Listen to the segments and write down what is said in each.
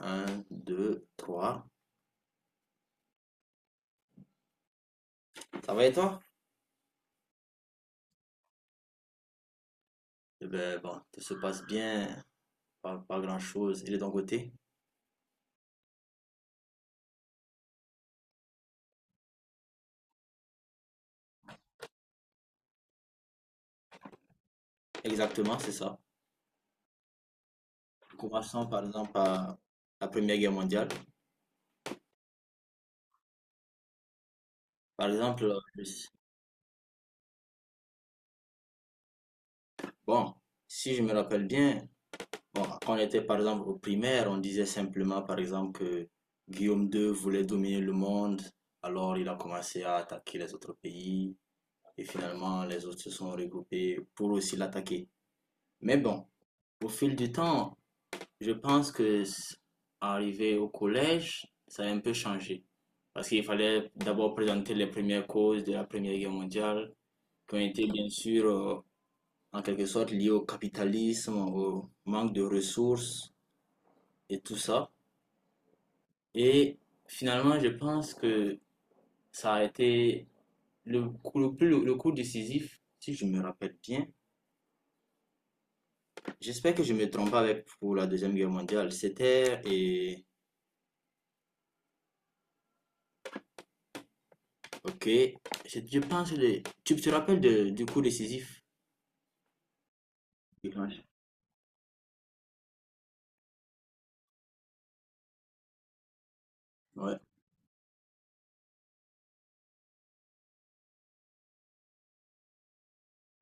Un, deux, trois. Ça va et toi? Eh ben, bon, tout se passe bien, pas grand-chose. Il est de ton côté? Exactement, c'est ça. Commençons par exemple par la Première Guerre mondiale. Par exemple, bon, si je me rappelle bien, bon, quand on était par exemple au primaire, on disait simplement par exemple que Guillaume II voulait dominer le monde, alors il a commencé à attaquer les autres pays, et finalement les autres se sont regroupés pour aussi l'attaquer. Mais bon, au fil du temps, je pense que arrivé au collège, ça a un peu changé. Parce qu'il fallait d'abord présenter les premières causes de la Première Guerre mondiale, qui ont été bien sûr en quelque sorte liées au capitalisme, au manque de ressources et tout ça. Et finalement, je pense que ça a été le coup, le coup décisif, si je me rappelle bien. J'espère que je ne me trompe pas avec pour la Deuxième Guerre mondiale. C'était et Ok, je pense le. Tu te rappelles du coup décisif du match? Ouais.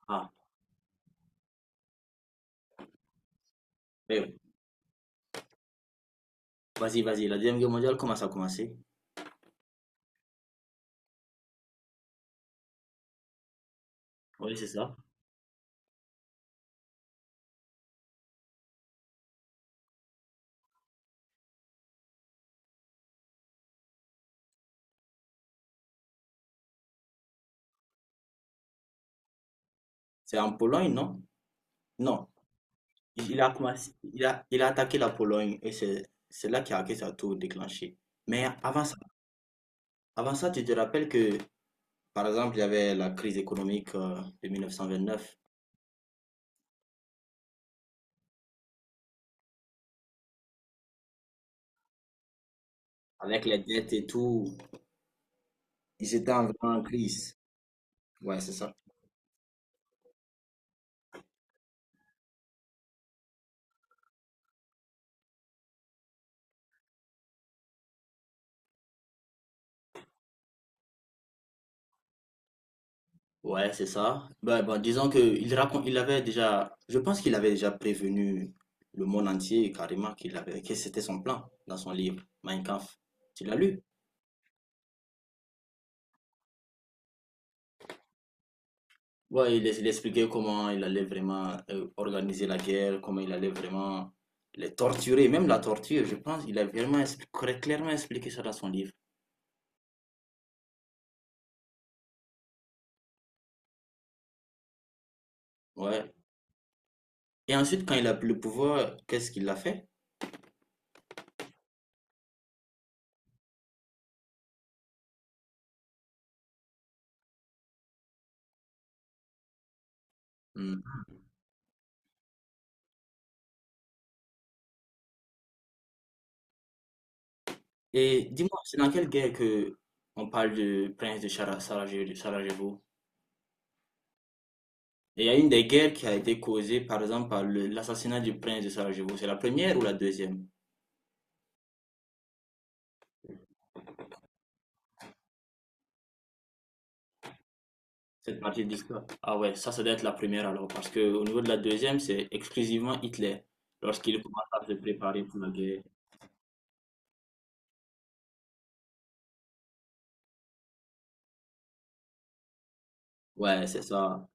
Ah, mais ouais. Vas-y, vas-y. La Deuxième Guerre mondiale, comment ça a commencé? Oui, c'est ça. C'est en Pologne, non? Non. Il a commencé, il a attaqué la Pologne et c'est là qu'il a que ça a tout déclenché. Mais avant ça, tu te rappelles que, par exemple, il y avait la crise économique de 1929. Avec les dettes et tout, ils étaient en grande crise. Ouais, c'est ça. Ouais, c'est ça. Bah, bah, disons que il raconte, il avait déjà, je pense qu'il avait déjà prévenu le monde entier carrément qu'il avait, que c'était son plan dans son livre Mein Kampf. Tu l'as lu? Ouais, il expliquait comment il allait vraiment organiser la guerre, comment il allait vraiment les torturer, même la torture, je pense. Il a vraiment clairement expliqué ça dans son livre. Ouais. Et ensuite, quand il a pris le pouvoir, qu'est-ce qu'il a fait? Hmm. Et dis-moi, c'est dans quelle guerre que on parle du prince de Sarajevo? Sarajevo. Et il y a une des guerres qui a été causée, par exemple, par l'assassinat du prince de Sarajevo. C'est la première ou la deuxième? Cette partie de l'histoire. Ah ouais, ça doit être la première alors, parce que au niveau de la deuxième, c'est exclusivement Hitler, lorsqu'il commence à se préparer pour la guerre. Ouais, c'est ça.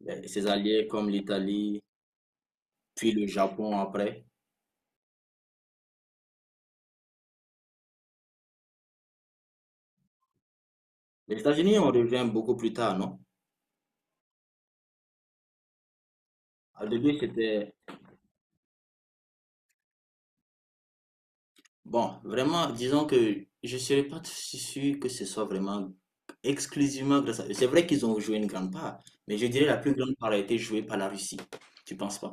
Ses alliés comme l'Italie, puis le Japon après. Les États-Unis, on revient beaucoup plus tard, non? Au début, c'était. Bon, vraiment, disons que je ne serais pas si sûr que ce soit vraiment exclusivement grâce à eux. C'est vrai qu'ils ont joué une grande part, mais je dirais la plus grande part a été jouée par la Russie. Tu penses pas?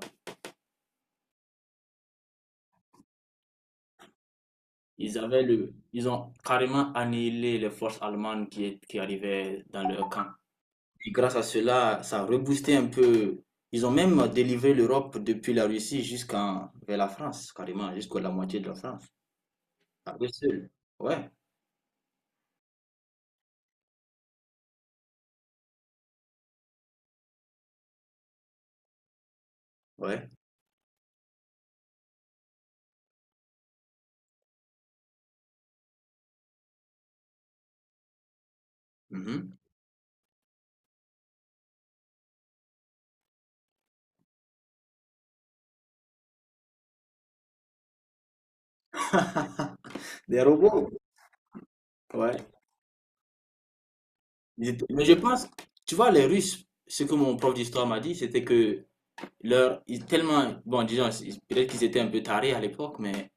Ils ont carrément annihilé les forces allemandes qui arrivaient dans leur camp. Et grâce à cela, ça a reboosté un peu. Ils ont même délivré l'Europe depuis la Russie jusqu'en, vers la France, carrément, jusqu'à la moitié de la France. À eux seuls. Ouais, ouais. Mhm. Des robots. Ouais. Mais je pense, tu vois, les Russes, ce que mon prof d'histoire m'a dit, c'était que ils tellement, bon, disons, peut-être qu'ils étaient un peu tarés à l'époque, mais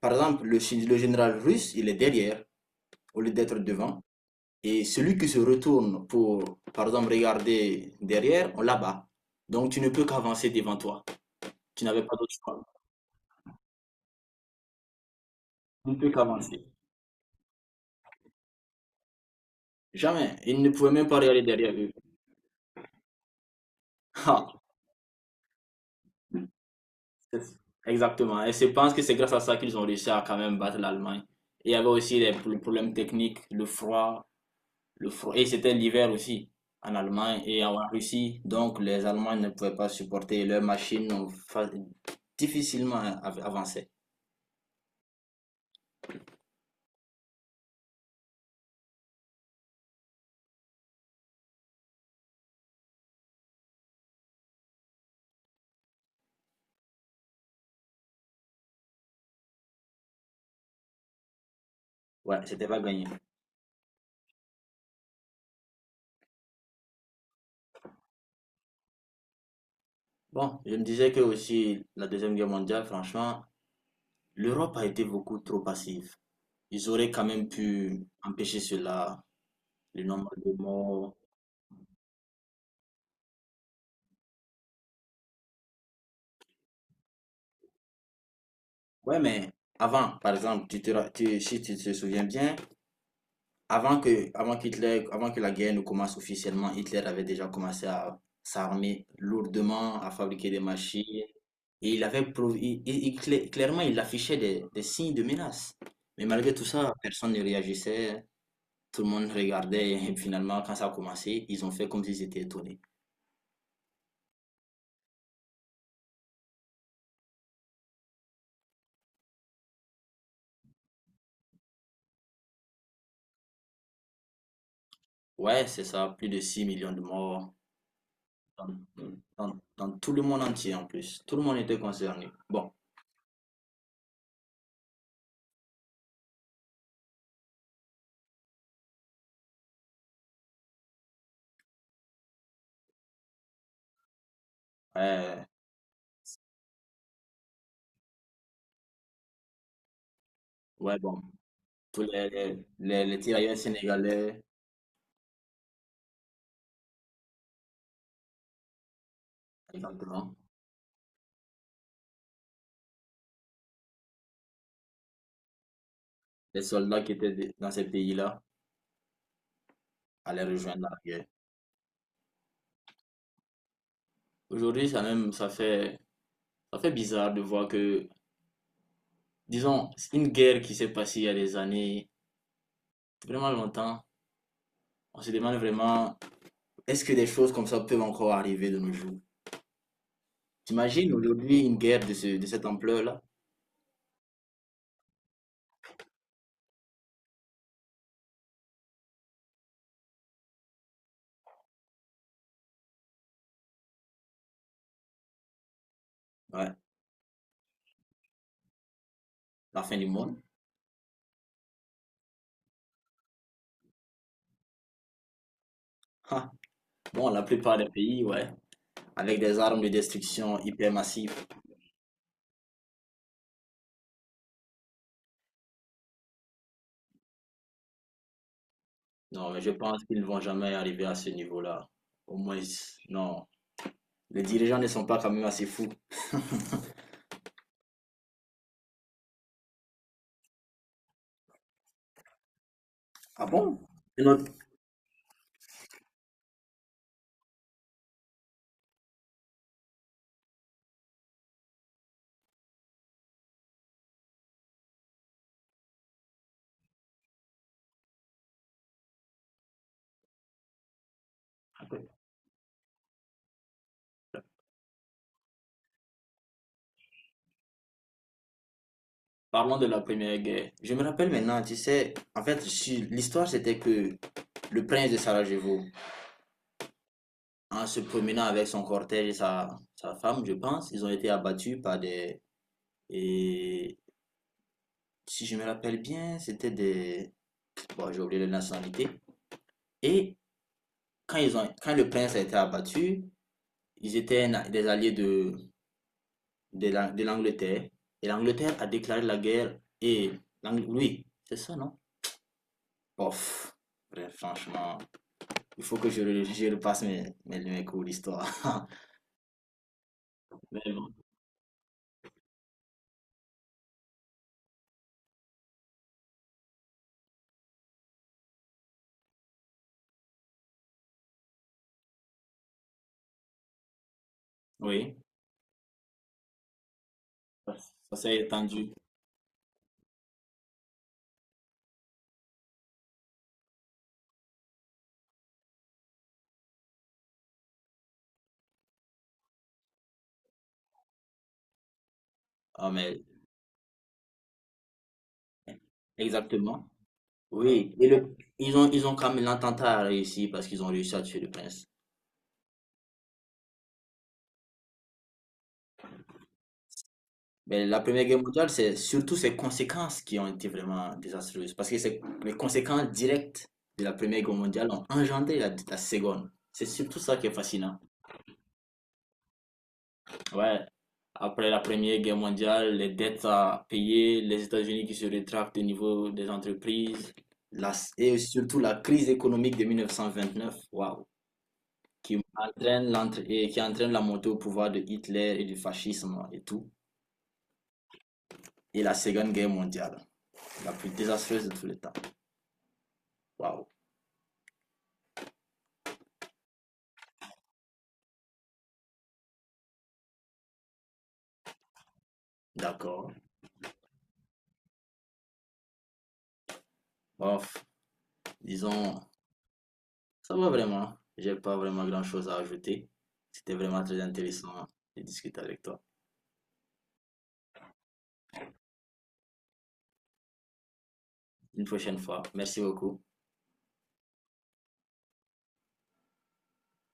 par exemple, le général russe, il est derrière, au lieu d'être devant. Et celui qui se retourne pour, par exemple, regarder derrière, on l'abat. Donc, tu ne peux qu'avancer devant toi. Tu n'avais pas d'autre choix. Tu ne peux qu'avancer. Jamais. Ils ne pouvaient même pas regarder derrière eux. C'est- Exactement. Et je pense que c'est grâce à ça qu'ils ont réussi à quand même battre l'Allemagne. Et il y avait aussi les problèmes techniques, le froid, le froid. Et c'était l'hiver aussi en Allemagne et en Russie. Donc les Allemands ne pouvaient pas supporter leurs machines ont difficilement avancé. Ouais, c'était pas gagné. Bon, je me disais que aussi la Deuxième Guerre mondiale, franchement, l'Europe a été beaucoup trop passive. Ils auraient quand même pu empêcher cela, le nombre de morts. Ouais, mais avant, par exemple, tu te, ra- tu- si tu te souviens bien, avant que la guerre ne commence officiellement, Hitler avait déjà commencé à s'armer lourdement, à fabriquer des machines. Et il avait clairement, il affichait des signes de menace. Mais malgré tout ça, personne ne réagissait. Tout le monde regardait. Et finalement, quand ça a commencé, ils ont fait comme s'ils étaient étonnés. Ouais, c'est ça. Plus de 6 millions de morts dans, dans tout le monde entier en plus. Tout le monde était concerné. Bon. Euh, ouais, bon, tous les tirailleurs sénégalais, exactement, les soldats qui étaient dans ces pays-là allaient rejoindre la guerre. Aujourd'hui, ça même, ça fait, bizarre de voir que, disons, c'est une guerre qui s'est passée il y a des années, vraiment longtemps, on se demande vraiment, est-ce que des choses comme ça peuvent encore arriver de nos jours? T'imagines aujourd'hui une guerre de cette ampleur-là? Ouais, la fin du monde. Ha. Bon, la plupart des pays, ouais, avec des armes de destruction hyper massives. Non, mais je pense qu'ils ne vont jamais arriver à ce niveau-là. Au moins, non. Les dirigeants ne sont pas quand même assez fous. Ah bon? Une autre- Parlons de la Première Guerre. Je me rappelle maintenant, tu sais, en fait, l'histoire c'était que le prince de Sarajevo, en se promenant avec son cortège et sa femme, je pense, ils ont été abattus par des. Et si je me rappelle bien, c'était des. Bon, j'ai oublié la nationalité. Et quand le prince a été abattu, ils étaient des alliés de l'Angleterre. Et l'Angleterre a déclaré la guerre. Et oui, c'est ça, non? Bof. Bref, franchement, il faut que je repasse mes cours d'histoire. Mais bon, oui, ça ça s'est étendu. Ah, mais exactement. Oui, et le, ils ont quand même l'attentat a réussi parce qu'ils ont réussi à tuer le prince. Mais la Première Guerre mondiale, c'est surtout ses conséquences qui ont été vraiment désastreuses. Parce que c'est les conséquences directes de la Première Guerre mondiale ont engendré la Seconde. C'est surtout ça qui est fascinant. Ouais. Après la Première Guerre mondiale, les dettes à payer, les États-Unis qui se rétractent au niveau des entreprises, la- et surtout la crise économique de 1929, waouh, qui entraîne l'entrée, et qui entraîne la montée au pouvoir de Hitler et du fascisme et tout, et la Seconde Guerre mondiale, la plus désastreuse de tous les temps. Waouh, d'accord. Bof, disons, ça va vraiment. J'ai pas vraiment grand-chose à ajouter. C'était vraiment très intéressant de discuter avec toi. Une prochaine fois. Merci beaucoup.